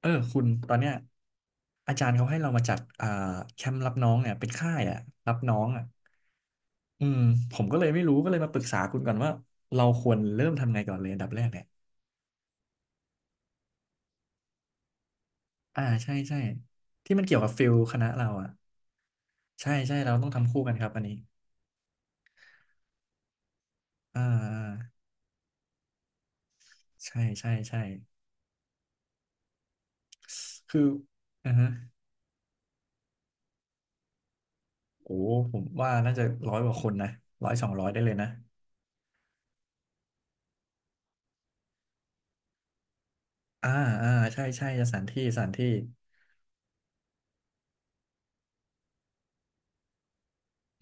เออคุณตอนเนี้ยอาจารย์เขาให้เรามาจัดแคมป์รับน้องเนี่ยเป็นค่ายอ่ะรับน้องอ่ะอืมผมก็เลยไม่รู้ก็เลยมาปรึกษาคุณก่อนว่าเราควรเริ่มทำไงก่อนเลยอันดับแรกเนี่ยอ่าใช่ใช่ที่มันเกี่ยวกับฟิลคณะเราอ่ะใช่ใช่เราต้องทำคู่กันครับอันนี้อ่าอ่าใช่ใช่ใช่คืออ่าฮะโอ้ผมว่าน่าจะ100 กว่าคนนะ100 200ได้เลยนะอ่าอ่าใช่ใช่สถานที่สถานที่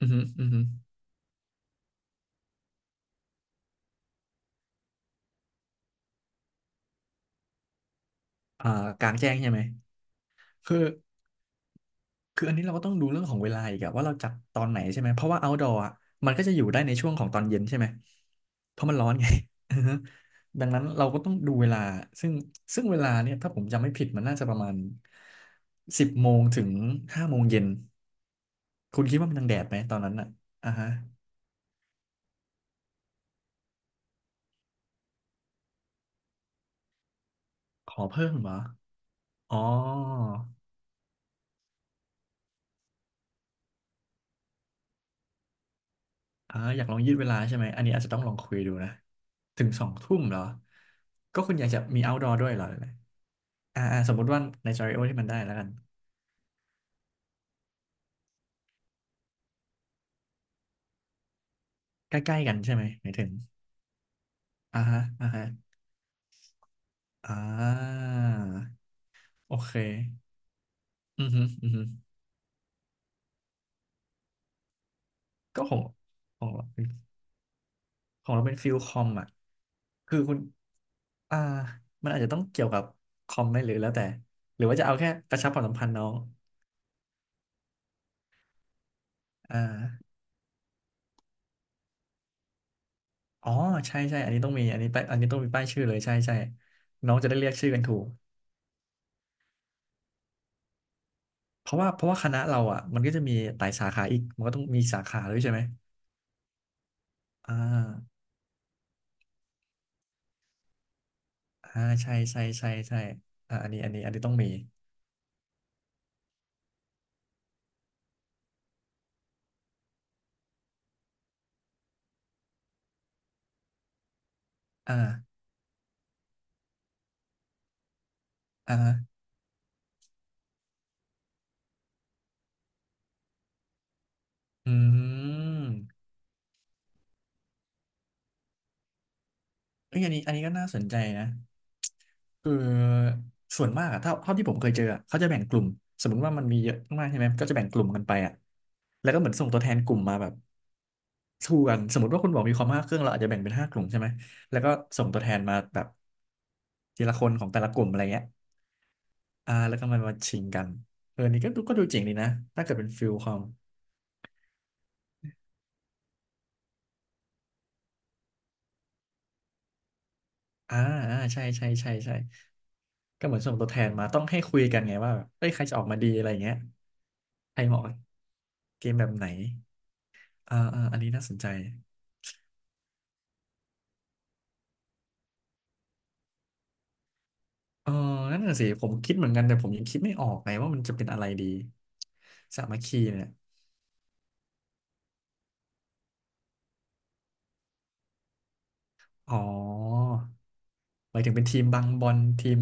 อือฮึอือฮึอ่ากลางแจ้งใช่ไหมคือ คืออันนี้เราก็ต้องดูเรื่องของเวลาอีกอะว่าเราจัดตอนไหนใช่ไหมเพราะว่า outdoor อะมันก็จะอยู่ได้ในช่วงของตอนเย็นใช่ไหมเพราะมันร้อนไง อือฮึดังนั้นเราก็ต้องดูเวลาซึ่งซึ่งเวลาเนี่ยถ้าผมจำไม่ผิดมันน่าจะประมาณ10 โมงถึง 5 โมงเย็นคุณคิดว่ามันยังแดดไหมตอนนั้นอะอ่าฮะขอเพิ่มเหรออ๋ออ่าอยากลองยืดเวลาใช่ไหมอันนี้อาจจะต้องลองคุยดูนะถึง2 ทุ่มเหรอก็คุณอยากจะมี outdoor ด้วยเหรอหรือไงอ่าอ่าสมมติว่าใน scenarioที่มันได้แล้วกัน ใกล้ๆกันใช่ไหมหมายถึงอ่าฮะอ่าฮะอ่าโอเคอือฮึอือฮึก็ของของเราเป็นของเราเป็นฟิลคอมอ่ะคือคุณอ่ามันอาจจะต้องเกี่ยวกับคอมไหมหรือแล้วแต่หรือว่าจะเอาแค่กระชับความสัมพันธ์น้องอ่าอ๋อใช่ใช่อันนี้ต้องมีอันนี้ต้องมีป้ายชื่อเลยใช่ใช่น้องจะได้เรียกชื่อกันถูกเพราะว่าคณะเราอ่ะมันก็จะมีหลายสาขาอีกมันก็ต้องมีสาขาด้วยใช่ไหมอ่า อ่าใช่ใช่ใช่ใช่อ่าอันนี้ต้องมี อ่าอ่าฮะอืมเอ้ยอันนี้ก็น่าสนใจนะคือส่วนมากอะเท่าที่ผมเคยเจออะเขาจะแบ่งกลุ่มสมมติว่ามันมีเยอะมากใช่ไหมก็จะแบ่งกลุ่มกันไปอะแล้วก็เหมือนส่งตัวแทนกลุ่มมาแบบสู้กันสมมติว่าคุณบอกมีความ5 เครื่องเราอาจจะแบ่งเป็น5 กลุ่มใช่ไหมแล้วก็ส่งตัวแทนมาแบบทีละคนของแต่ละกลุ่มอะไรเงี้ยอ่าแล้วก็มันมาชิงกันเออนี่ก็ดูเจ๋งดีนะถ้าเกิดเป็นฟิลคอม อ่าอ่าใช่ใช่ใช่ใช่ก็เหมือนส่งตัวแทนมาต้องให้คุยกันไงว่าแบบเอ้ยใครจะออกมาดีอะไรอย่างเงี้ยใครเหมาะกับเกมแบบไหนอ่าอ่าอันนี้น่าสนใจเออนั่นน่ะสิผมคิดเหมือนกันแต่ผมยังคิดไม่ออกไงว่ามันจะเป็นอะไรดีสามัคคีเนี่ยอ๋อหมายถึงเป็นทีมบังบอลทีม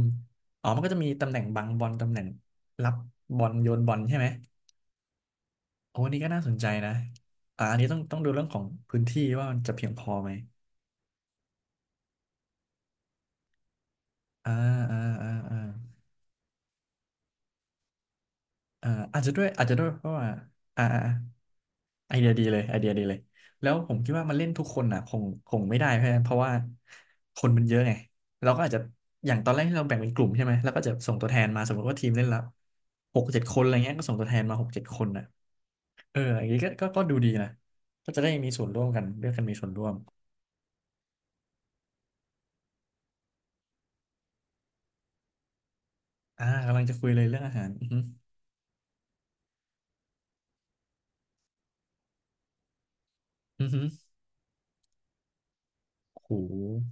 อ๋อมันก็จะมีตำแหน่งบังบอลตำแหน่งรับบอลโยนบอลใช่ไหมโอ้อันนี้ก็น่าสนใจนะอ่าอันนี้ต้องดูเรื่องของพื้นที่ว่ามันจะเพียงพอไหมอ่าอ่าอ่าอ่า อ่าอาจจะด้วยเพราะว่าอ่าอ่าอ่าไอเดียดีเลยไอเดียดีเลยแล้วผมคิดว่ามันเล่นทุกคนอ่ะคงไม่ได้เพราะว่าคนมันเยอะไงเราก็อาจจะอย่างตอนแรกที่เราแบ่งเป็นกลุ่มใช่ไหมแล้วก็จะส่งตัวแทนมาสมมติว่าทีมเล่นละหกเจ็ดคนอะไรเงี้ยก็ส่งตัวแทนมาหกเจ็ดคนอ่ะเอออย่างนี้ก็ดูดีนะก็จะได้มีส่วนร่วมกันเลือกกันมีส่วนร่วมอ่ากำลังจะคุยเลยเรื่องอาหารอือฮึอือฮึโห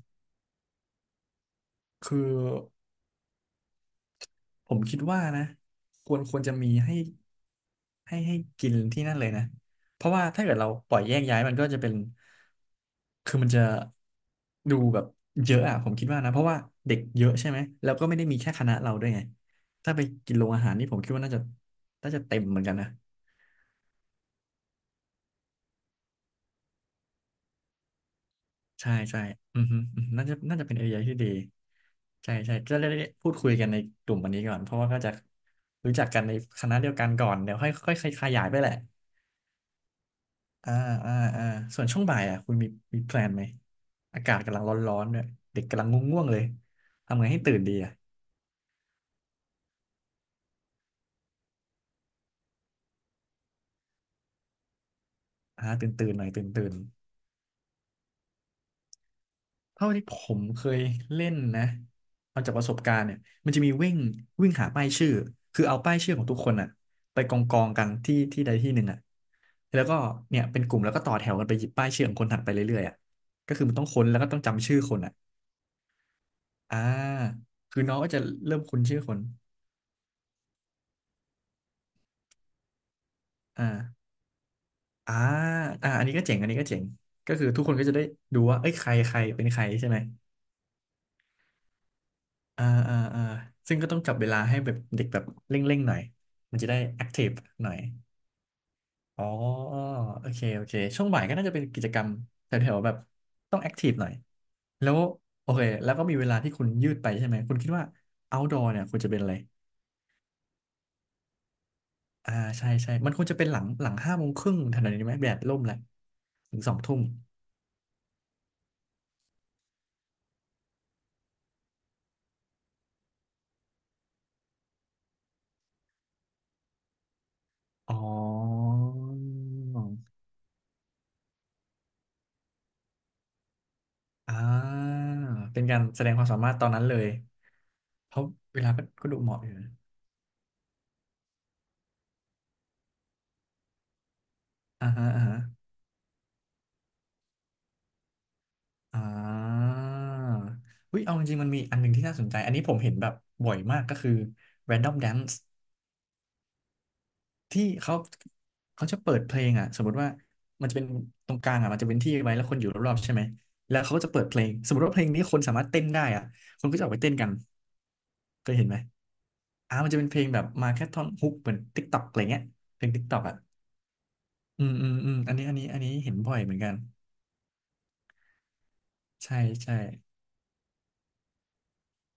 คือ ผมคิดว่านะควรจะมีให้ให้กินที่นั่นเลยนะเพราะว่าถ้าเกิดเราปล่อยแยกย้ายมันก็จะเป็นคือมันจะดูแบบเยอะอะผมคิดว่านะเพราะว่าเด็กเยอะใช่ไหมแล้วก็ไม่ได้มีแค่คณะเราด้วยไงถ้าไปกินโรงอาหารนี่ผมคิดว่าน่าจะเต็มเหมือนกันนะใช่ใช่อือฮึอือฮึน่าจะเป็นไอเดียที่ดีใช่ใช่จะได้พูดคุยกันในกลุ่มวันนี้ก่อนเพราะว่าก็จะรู้จักกันในคณะเดียวกันก่อนเดี๋ยวค่อยค่อยขยายไปแหละ อ่าอ่าอ่าส่วนช่วงบ่ายอ่ะคุณมีแพลนไหมอากาศกำลังร้อนๆเนี่ยเด็กกำลังง่วงๆเลยทำไงให้ตื่นดีอ่ะตื่นหน่อยตื่นเท่าที่ผมเคยเล่นนะเอาจากประสบการณ์เนี่ยมันจะมีวิ่งวิ่งหาป้ายชื่อคือเอาป้ายชื่อของทุกคนอ่ะไปกองกันที่ที่ใดที่หนึ่งอ่ะแล้วก็เนี่ยเป็นกลุ่มแล้วก็ต่อแถวกันไปหยิบป้ายชื่อของคนถัดไปเรื่อยๆอ่ะก็คือมันต้องค้นแล้วก็ต้องจำชื่อคนอ่ะอ่าคือน้องก็จะเริ่มคุ้นชื่อคนอ่า อ่าอ่าอันนี้ก็เจ๋งอันนี้ก็เจ๋งก็คือทุกคนก็จะได้ดูว่าเอ้ยใครใครเป็นใครใช่ไหมอ่าอ่าอ่าซึ่งก็ต้องจับเวลาให้แบบเด็กแบบเร่งๆหน่อยมันจะได้แอคทีฟหน่อยอ๋อโอเคโอเค ช่วงบ่ายก็น่าจะเป็นกิจกรรมแถวๆแบบต้องแอคทีฟหน่อยแล้วโอเคแล้วก็มีเวลาที่คุณยืดไปใช่ไหม คุณคิดว่า outdoor เนี่ยควรจะเป็นอะไรอ่าใช่ใช่มันควรจะเป็นหลังห้าโมงครึ่งทันทีไหมแดดร่มแล้วถึงสองทุ่มอ๋อ อ่าเป็นการแสดงความสามารถตอนนั้นเลยเพราะเวลาก็ดูเหมาะอยู่นะอ่าฮะอ่าฮะอ่าอุ้ยเอาจริงๆมันมีอันหนึ่งที่น่าสนใจ อันนี้ผมเห็นแบบบ่อยมากก็คือ Random Dance ที่เขาเขาจะเปิดเพลงอ่ะสมมติว่ามันจะเป็นตรงกลางอ่ะ มันจะเป็นที่ไว้แล้วคนอยู่รอบๆใช่ไหม แล้วเขาก็จะเปิดเพลง สมมติว่าเพลงนี้คนสามารถเต้นได้อ่ะคนก็จะออกไปเต้นกันเคยเห็นไหมอ่ามันจะเป็นเพลงแบบมาแค่ท่อนฮุกเหมือน TikTok อกอะไรเงี้ยเพลง t กต็อกอ่ะ อืมอันนี้เห็นบ่อยเหมือนกันใช่ใช่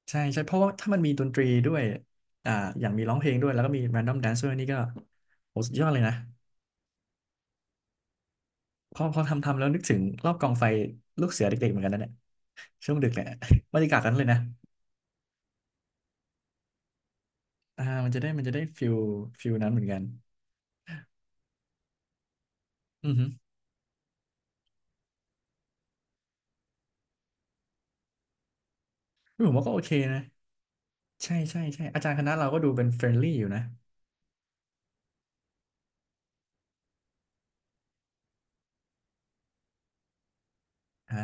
ใช่ใช่เพราะว่าถ้ามันมีดนตรีด้วยอ่าอย่างมีร้องเพลงด้วยแล้วก็มี Random Dance ดอมแดนซ์ด้วยนี่ก็โหสุดยอดเลยนะพอทำแล้วนึกถึงรอบกองไฟลูกเสือเด็กๆเหมือนกันนะเนี่ยช่วงดึกแหละ บรรยากาศนั้นเลยนะอ่ามันจะได้ฟิลนั้นเหมือนกันอือฮึผมว่าก็โอเคนะใช่ใช่ใช่อาจารย์คณะเราก็ดูเป็นเฟรนลี่อยู่นะอ่า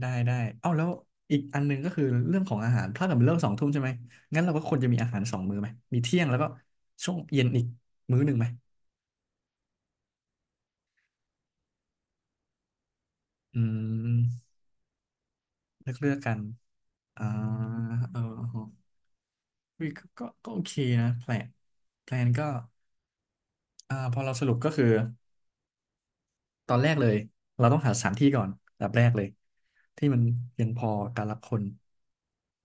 ได้เอ้าแล้วอีกอันหนึงก็คือเรื่องของอาหารถ้าเกิดมันเลิกสองทุ่มใช่ไหมงั้นเราก็ควรจะมีอาหารสองมื้อไหมมีเที่ยงแล้วก็ช่วงเย็นอีกมื้อหนึ่งไหมอืมเลือกกันอ่าเออวิก็โอเคนะแพลนก็อ่าพอเราสรุปก็คือตอนแรกเลยเราต้องหาสถานที่ก่อนอันดับแรกเลยที่มันเพียงพอการรับคน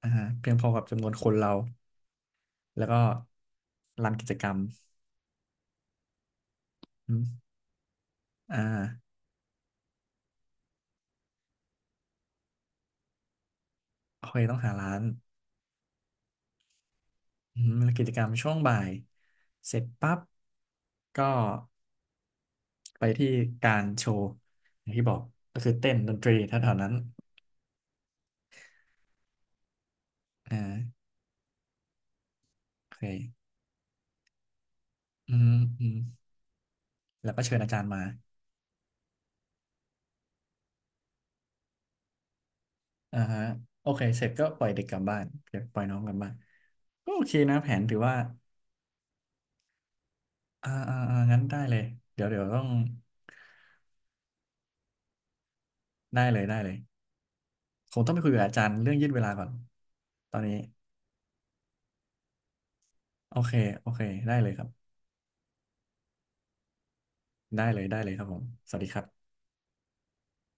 อ่าฮะเพียงพอกับจำนวนคนเราแล้วก็ลานกิจกรรมอมอ่า โอเคต้องหาร้านอืมแล้วกิจกรรมช่วงบ่ายเสร็จปั๊บก็ไปที่การโชว์อย่างที่บอกก็คือเต้นดนตรีแถวๆนั้นอ่าโอเคอืมอืมแล้วก็เชิญอาจารย์มาอ่าฮะโอเคเสร็จก็ปล่อยเด็กกลับบ้านเดี๋ยวปล่อยน้องกลับบ้านก็โอเคนะแผนถือว่างั้นได้เลยเดี๋ยวต้องได้เลยได้เลยคงต้องไปคุยกับอาจารย์เรื่องยืดเวลาก่อนตอนนี้โอเคโอเคได้เลยครับได้เลยได้เลยครับผมสวัสดีครับ